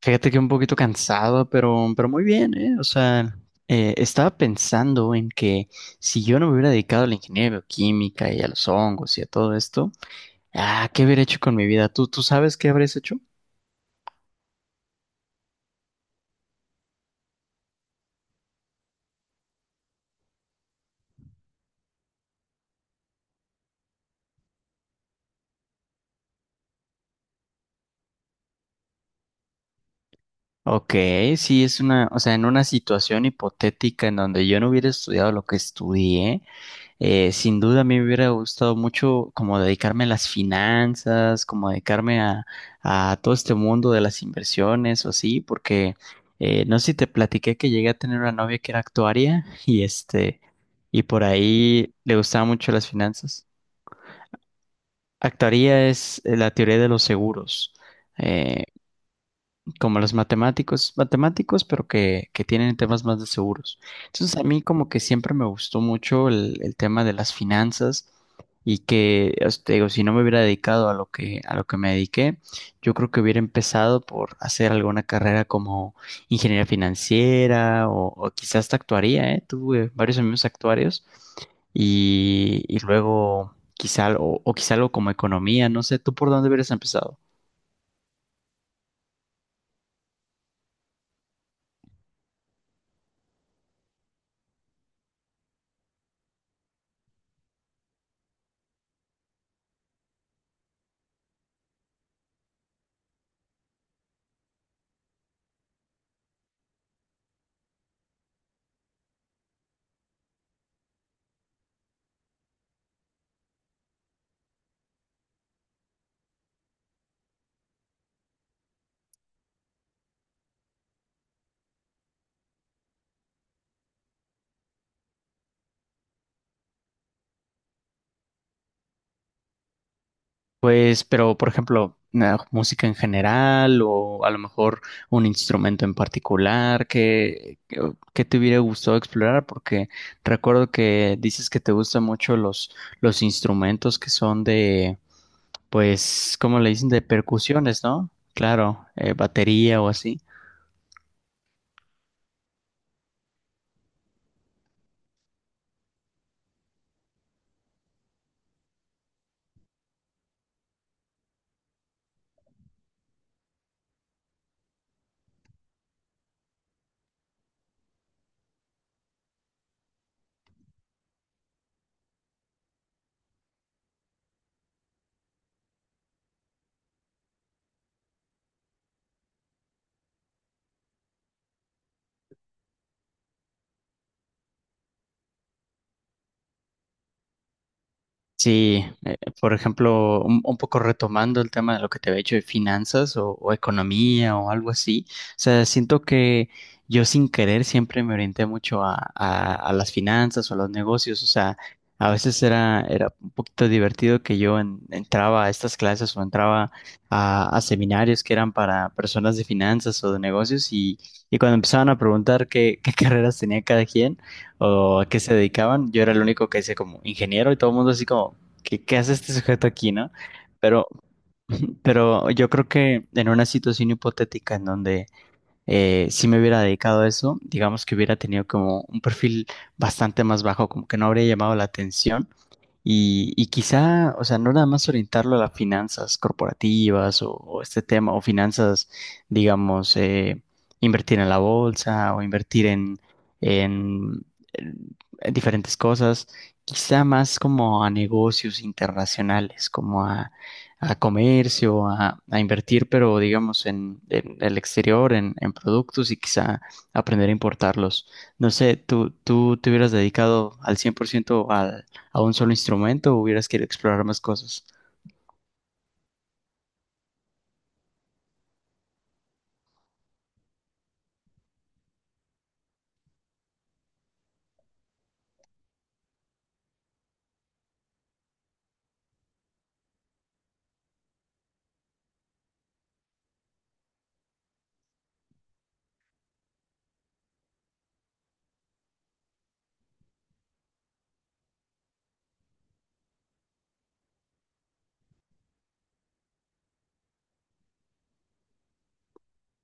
Fíjate que un poquito cansado, pero muy bien, ¿eh? O sea, estaba pensando en que si yo no me hubiera dedicado a la ingeniería bioquímica y a los hongos y a todo esto, ah, ¿qué hubiera hecho con mi vida? ¿Tú sabes qué habrías hecho? Ok, sí, es una, o sea, en una situación hipotética en donde yo no hubiera estudiado lo que estudié, sin duda a mí me hubiera gustado mucho como dedicarme a las finanzas, como dedicarme a todo este mundo de las inversiones o así, porque no sé si te platiqué que llegué a tener una novia que era actuaria y este, y por ahí le gustaban mucho las finanzas. Actuaría es la teoría de los seguros. eh, Como los matemáticos, matemáticos, pero que tienen temas más de seguros. Entonces, a mí como que siempre me gustó mucho el tema de las finanzas y que, o sea, te digo, si no me hubiera dedicado a lo que me dediqué, yo creo que hubiera empezado por hacer alguna carrera como ingeniería financiera o quizás hasta actuaría, ¿eh? Tuve varios amigos actuarios y luego quizá, o quizá algo como economía, no sé, ¿tú por dónde hubieras empezado? Pues, pero por ejemplo, música en general o a lo mejor un instrumento en particular que te hubiera gustado explorar, porque recuerdo que dices que te gustan mucho los instrumentos que son de, pues, ¿cómo le dicen? De percusiones, ¿no? Claro, batería o así. Sí, por ejemplo, un poco retomando el tema de lo que te había dicho de finanzas o economía o algo así, o sea, siento que yo sin querer siempre me orienté mucho a las finanzas o a los negocios, o sea, a veces era un poquito divertido que yo entraba a estas clases o entraba a seminarios que eran para personas de finanzas o de negocios y cuando empezaban a preguntar qué, qué carreras tenía cada quien o a qué se dedicaban. Yo era el único que hice como ingeniero y todo el mundo así como, ¿qué hace este sujeto aquí, no? Pero, pero yo creo que en una situación hipotética en donde sí me hubiera dedicado a eso, digamos que hubiera tenido como un perfil bastante más bajo, como que no habría llamado la atención y quizá, o sea, no nada más orientarlo a las finanzas corporativas o este tema, o finanzas, digamos, invertir en la bolsa o invertir en, en- en diferentes cosas, quizá más como a negocios internacionales, como a comercio, a invertir, pero digamos, en el exterior, en productos y quizá aprender a importarlos. No sé, ¿tú te hubieras dedicado al 100% al a un solo instrumento o hubieras querido explorar más cosas?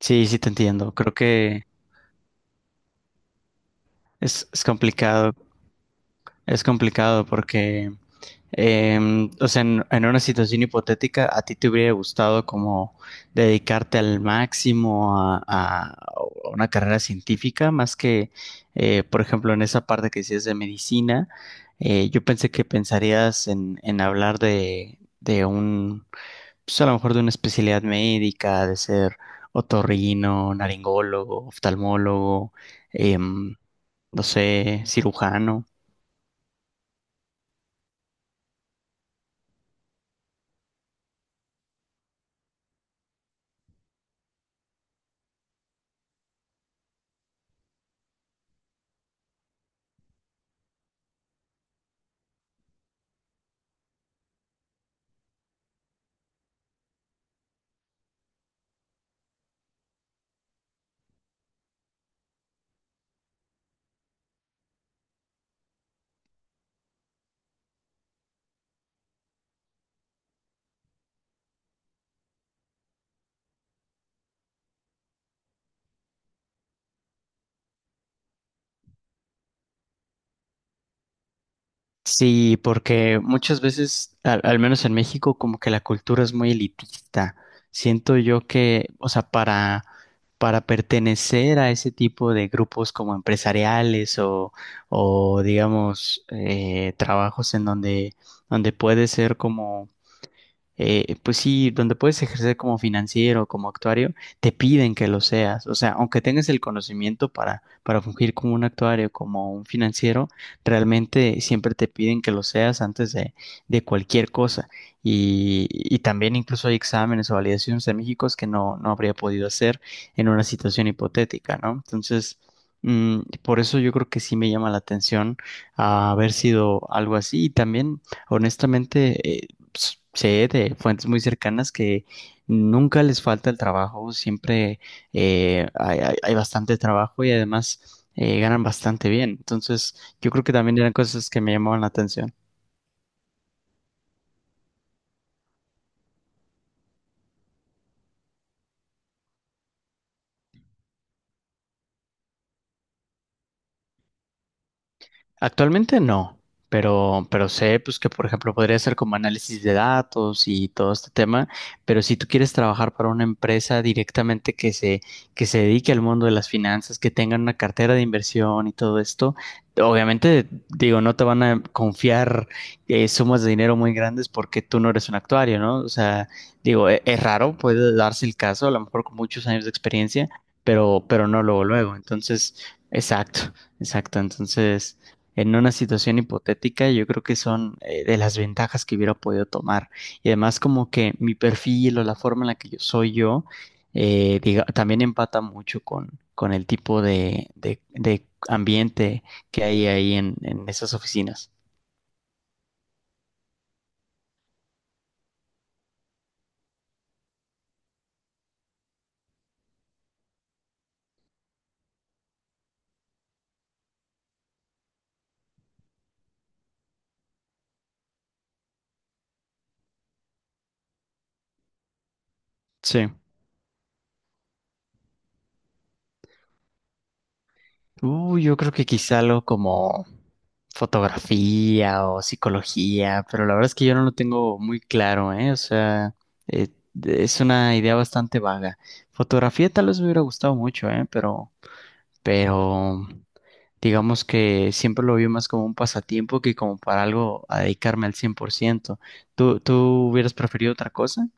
Sí, sí te entiendo. Creo que es complicado, es complicado porque, o sea, en una situación hipotética, a ti te hubiera gustado como dedicarte al máximo a una carrera científica, más que, por ejemplo, en esa parte que decías de medicina, yo pensé que pensarías en hablar de un pues a lo mejor de una especialidad médica, de ser otorrino, naringólogo, oftalmólogo, em, no sé, cirujano. Sí, porque muchas veces, al menos en México, como que la cultura es muy elitista. Siento yo que, o sea, para pertenecer a ese tipo de grupos como empresariales o digamos, trabajos en donde puede ser como pues sí, donde puedes ejercer como financiero, como actuario, te piden que lo seas. O sea, aunque tengas el conocimiento para fungir como un actuario, como un financiero, realmente siempre te piden que lo seas antes de cualquier cosa. Y también incluso hay exámenes o validaciones en México que no habría podido hacer en una situación hipotética, ¿no? Entonces, por eso yo creo que sí me llama la atención haber sido algo así. Y también, honestamente, pues, sé de fuentes muy cercanas que nunca les falta el trabajo, siempre hay bastante trabajo y además ganan bastante bien. Entonces, yo creo que también eran cosas que me llamaban la atención. Actualmente no, pero sé pues que por ejemplo podría ser como análisis de datos y todo este tema, pero si tú quieres trabajar para una empresa directamente que se dedique al mundo de las finanzas, que tengan una cartera de inversión y todo esto, obviamente digo, no te van a confiar sumas de dinero muy grandes porque tú no eres un actuario, ¿no? O sea, digo, es, raro, puede darse el caso, a lo mejor con muchos años de experiencia, pero no luego, luego. Entonces, exacto. Exacto, entonces en una situación hipotética, yo creo que son de las ventajas que hubiera podido tomar. Y además como que mi perfil o la forma en la que yo soy yo, también empata mucho con el tipo de ambiente que hay ahí en esas oficinas. Sí. Yo creo que quizá algo como fotografía o psicología, pero la verdad es que yo no lo tengo muy claro, ¿eh? O sea, eh, es una idea bastante vaga. Fotografía tal vez me hubiera gustado mucho, ¿eh? Pero digamos que siempre lo vi más como un pasatiempo que como para algo a dedicarme al 100%. ¿Tú hubieras preferido otra cosa?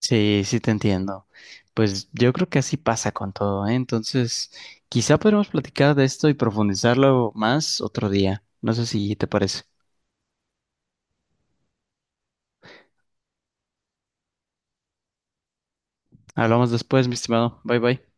Sí, sí te entiendo. Pues yo creo que así pasa con todo, ¿eh? Entonces, quizá podremos platicar de esto y profundizarlo más otro día. No sé si te parece. Hablamos después, mi estimado. Bye bye.